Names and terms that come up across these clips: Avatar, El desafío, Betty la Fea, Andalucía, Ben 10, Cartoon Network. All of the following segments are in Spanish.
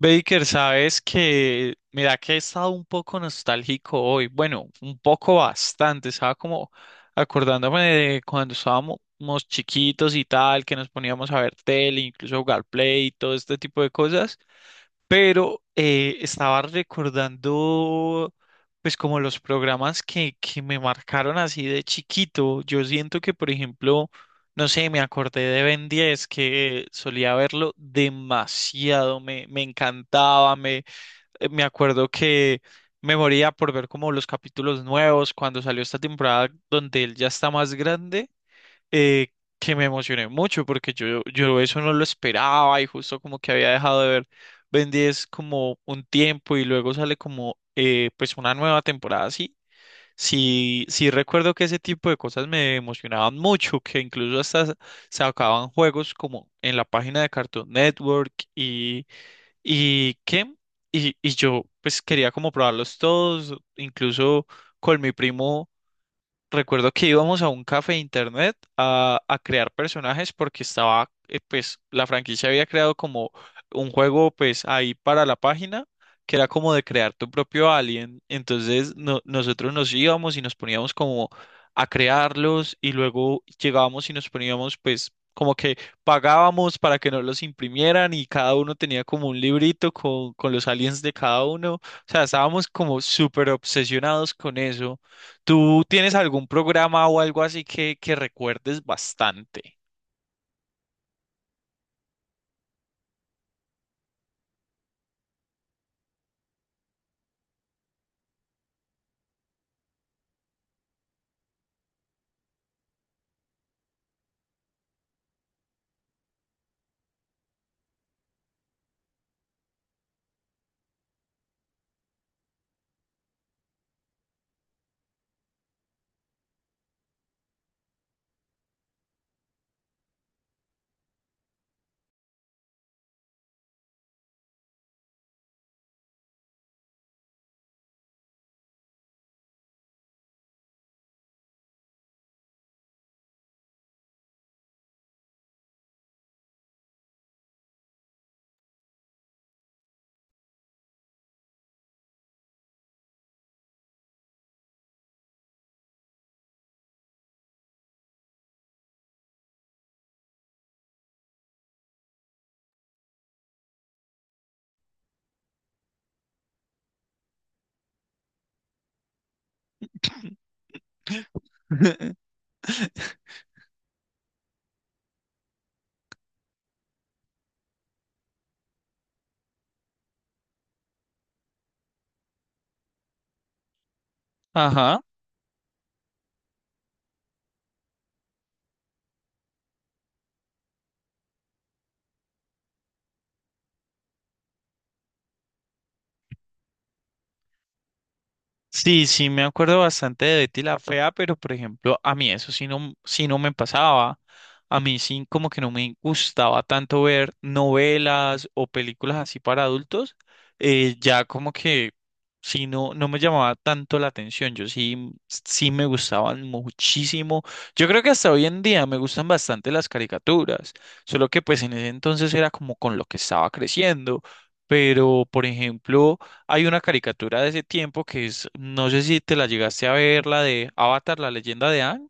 Baker, sabes que, mira que he estado un poco nostálgico hoy, bueno, un poco bastante, estaba como acordándome de cuando estábamos chiquitos y tal, que nos poníamos a ver tele, incluso jugar play y todo este tipo de cosas, pero estaba recordando pues como los programas que me marcaron así de chiquito, yo siento que por ejemplo... No sé, me acordé de Ben 10 que solía verlo demasiado, me encantaba, me acuerdo que me moría por ver como los capítulos nuevos cuando salió esta temporada donde él ya está más grande, eh, que me emocioné mucho porque yo eso no lo esperaba y justo como que había dejado de ver Ben 10 como un tiempo y luego sale como pues una nueva temporada así. Sí, sí recuerdo que ese tipo de cosas me emocionaban mucho, que incluso hasta sacaban juegos como en la página de Cartoon Network y qué, y yo pues quería como probarlos todos, incluso con mi primo. Recuerdo que íbamos a un café de internet a crear personajes porque estaba, pues, la franquicia había creado como un juego, pues, ahí para la página, que era como de crear tu propio alien. Entonces, nosotros nos íbamos y nos poníamos como a crearlos y luego llegábamos y nos poníamos, pues, como que pagábamos para que nos los imprimieran y cada uno tenía como un librito con los aliens de cada uno. O sea, estábamos como súper obsesionados con eso. ¿Tú tienes algún programa o algo así que recuerdes bastante? Ajá. Sí, sí, me acuerdo bastante de Betty la Fea, pero por ejemplo, a mí eso sí no me pasaba. A mí sí como que no me gustaba tanto ver novelas o películas así para adultos. Ya como que sí no me llamaba tanto la atención. Yo sí, sí me gustaban muchísimo. Yo creo que hasta hoy en día me gustan bastante las caricaturas. Solo que pues en ese entonces era como con lo que estaba creciendo. Pero, por ejemplo... Hay una caricatura de ese tiempo que es, no sé si te la llegaste a ver, la de Avatar, la leyenda de Aang.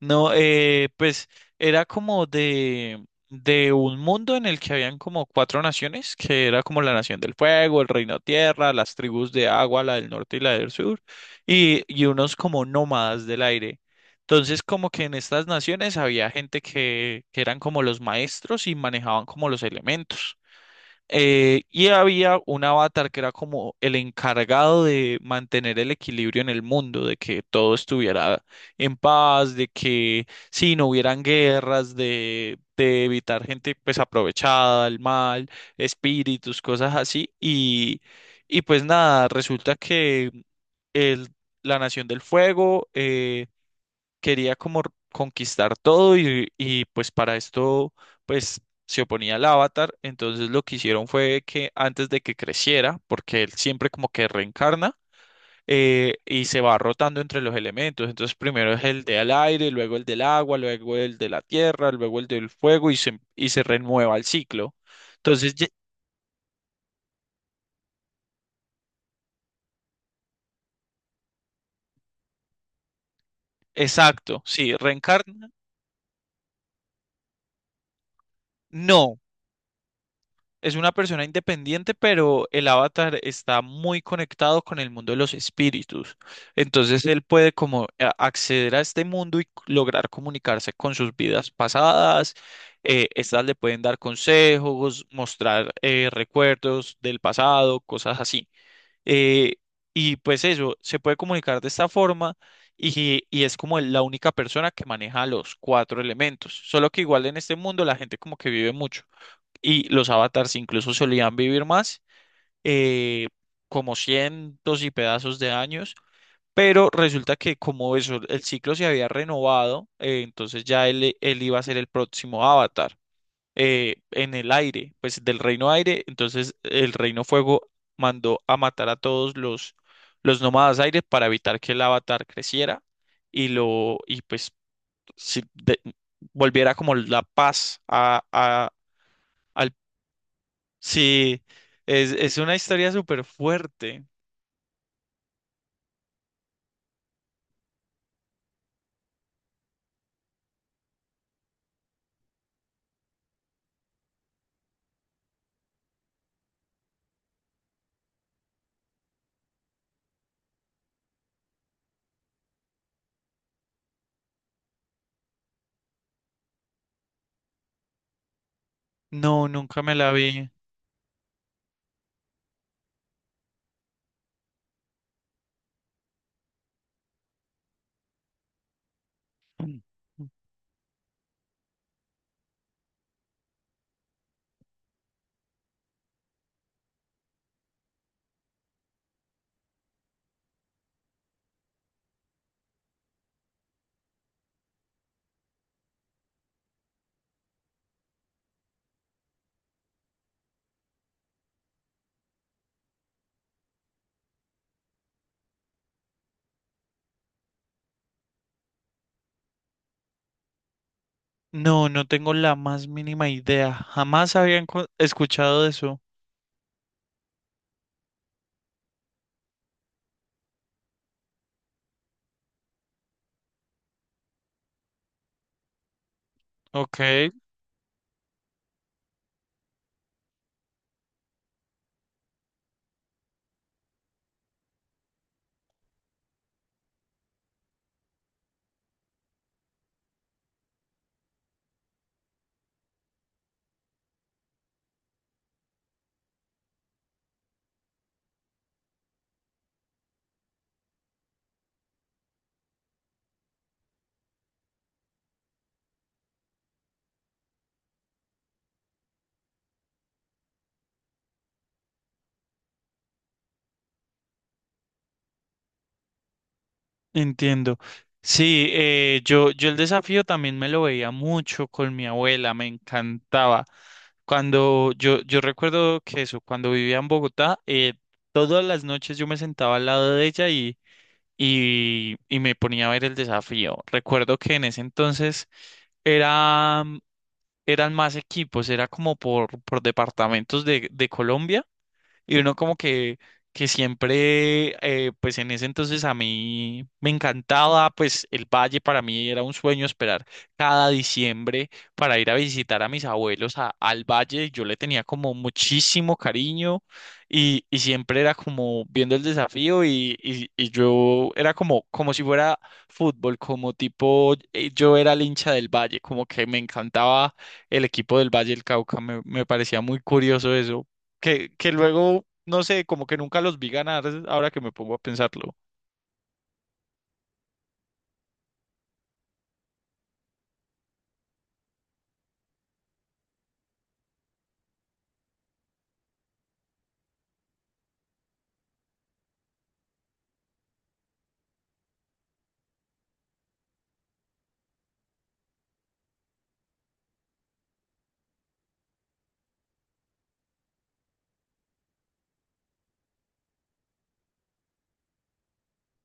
No, pues era como de un mundo en el que habían como cuatro naciones, que era como la nación del fuego, el reino tierra, las tribus de agua, la del norte y la del sur, y unos como nómadas del aire. Entonces, como que en estas naciones había gente que eran como los maestros y manejaban como los elementos. Y había un avatar que era como el encargado de mantener el equilibrio en el mundo, de que todo estuviera en paz, de que si no hubieran guerras, de evitar gente pues aprovechada, el mal, espíritus, cosas así. Y pues nada, resulta que el, la Nación del Fuego quería como conquistar todo y pues para esto pues se oponía al avatar, entonces lo que hicieron fue que antes de que creciera, porque él siempre como que reencarna y se va rotando entre los elementos, entonces primero es el del aire, luego el del agua, luego el de la tierra, luego el del fuego y se renueva el ciclo. Entonces, exacto, sí, reencarna. No, es una persona independiente, pero el avatar está muy conectado con el mundo de los espíritus. Entonces él puede como acceder a este mundo y lograr comunicarse con sus vidas pasadas. Estas le pueden dar consejos, mostrar recuerdos del pasado, cosas así. Eh, y pues eso, se puede comunicar de esta forma y es como la única persona que maneja los cuatro elementos. Solo que igual en este mundo la gente como que vive mucho y los avatars incluso solían vivir más, eh, como cientos y pedazos de años, pero resulta que como eso, el ciclo se había renovado, entonces ya él iba a ser el próximo avatar en el aire, pues del reino aire, entonces el reino fuego mandó a matar a todos los nómadas aire para evitar que el avatar creciera y pues si- de- volviera como la paz al. Sí, es una historia súper fuerte. No, nunca me la vi. No, no tengo la más mínima idea. Jamás habían escuchado de eso. Ok, entiendo. Sí, yo el desafío también me lo veía mucho con mi abuela, me encantaba. Cuando yo recuerdo que eso, cuando vivía en Bogotá, todas las noches yo me sentaba al lado de ella y me ponía a ver el desafío. Recuerdo que en ese entonces... Era, Eran más equipos, era como por departamentos de Colombia. Y uno como que siempre, pues en ese entonces a mí me encantaba, pues el valle para mí era un sueño esperar cada diciembre para ir a visitar a mis abuelos al valle. Yo le tenía como muchísimo cariño y siempre era como viendo el desafío y yo era como, como si fuera fútbol, como tipo, yo era el hincha del valle, como que me encantaba el equipo del Valle del Cauca, me parecía muy curioso eso que luego, no sé, como que nunca los vi ganar, ahora que me pongo a pensarlo.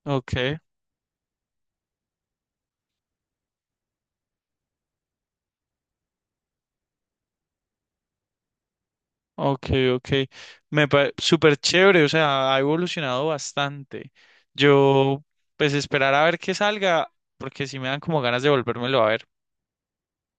Ok, ok, ok. Me parece súper chévere, o sea, ha evolucionado bastante. Yo, pues esperar a ver qué salga, porque si me dan como ganas de volvérmelo a ver.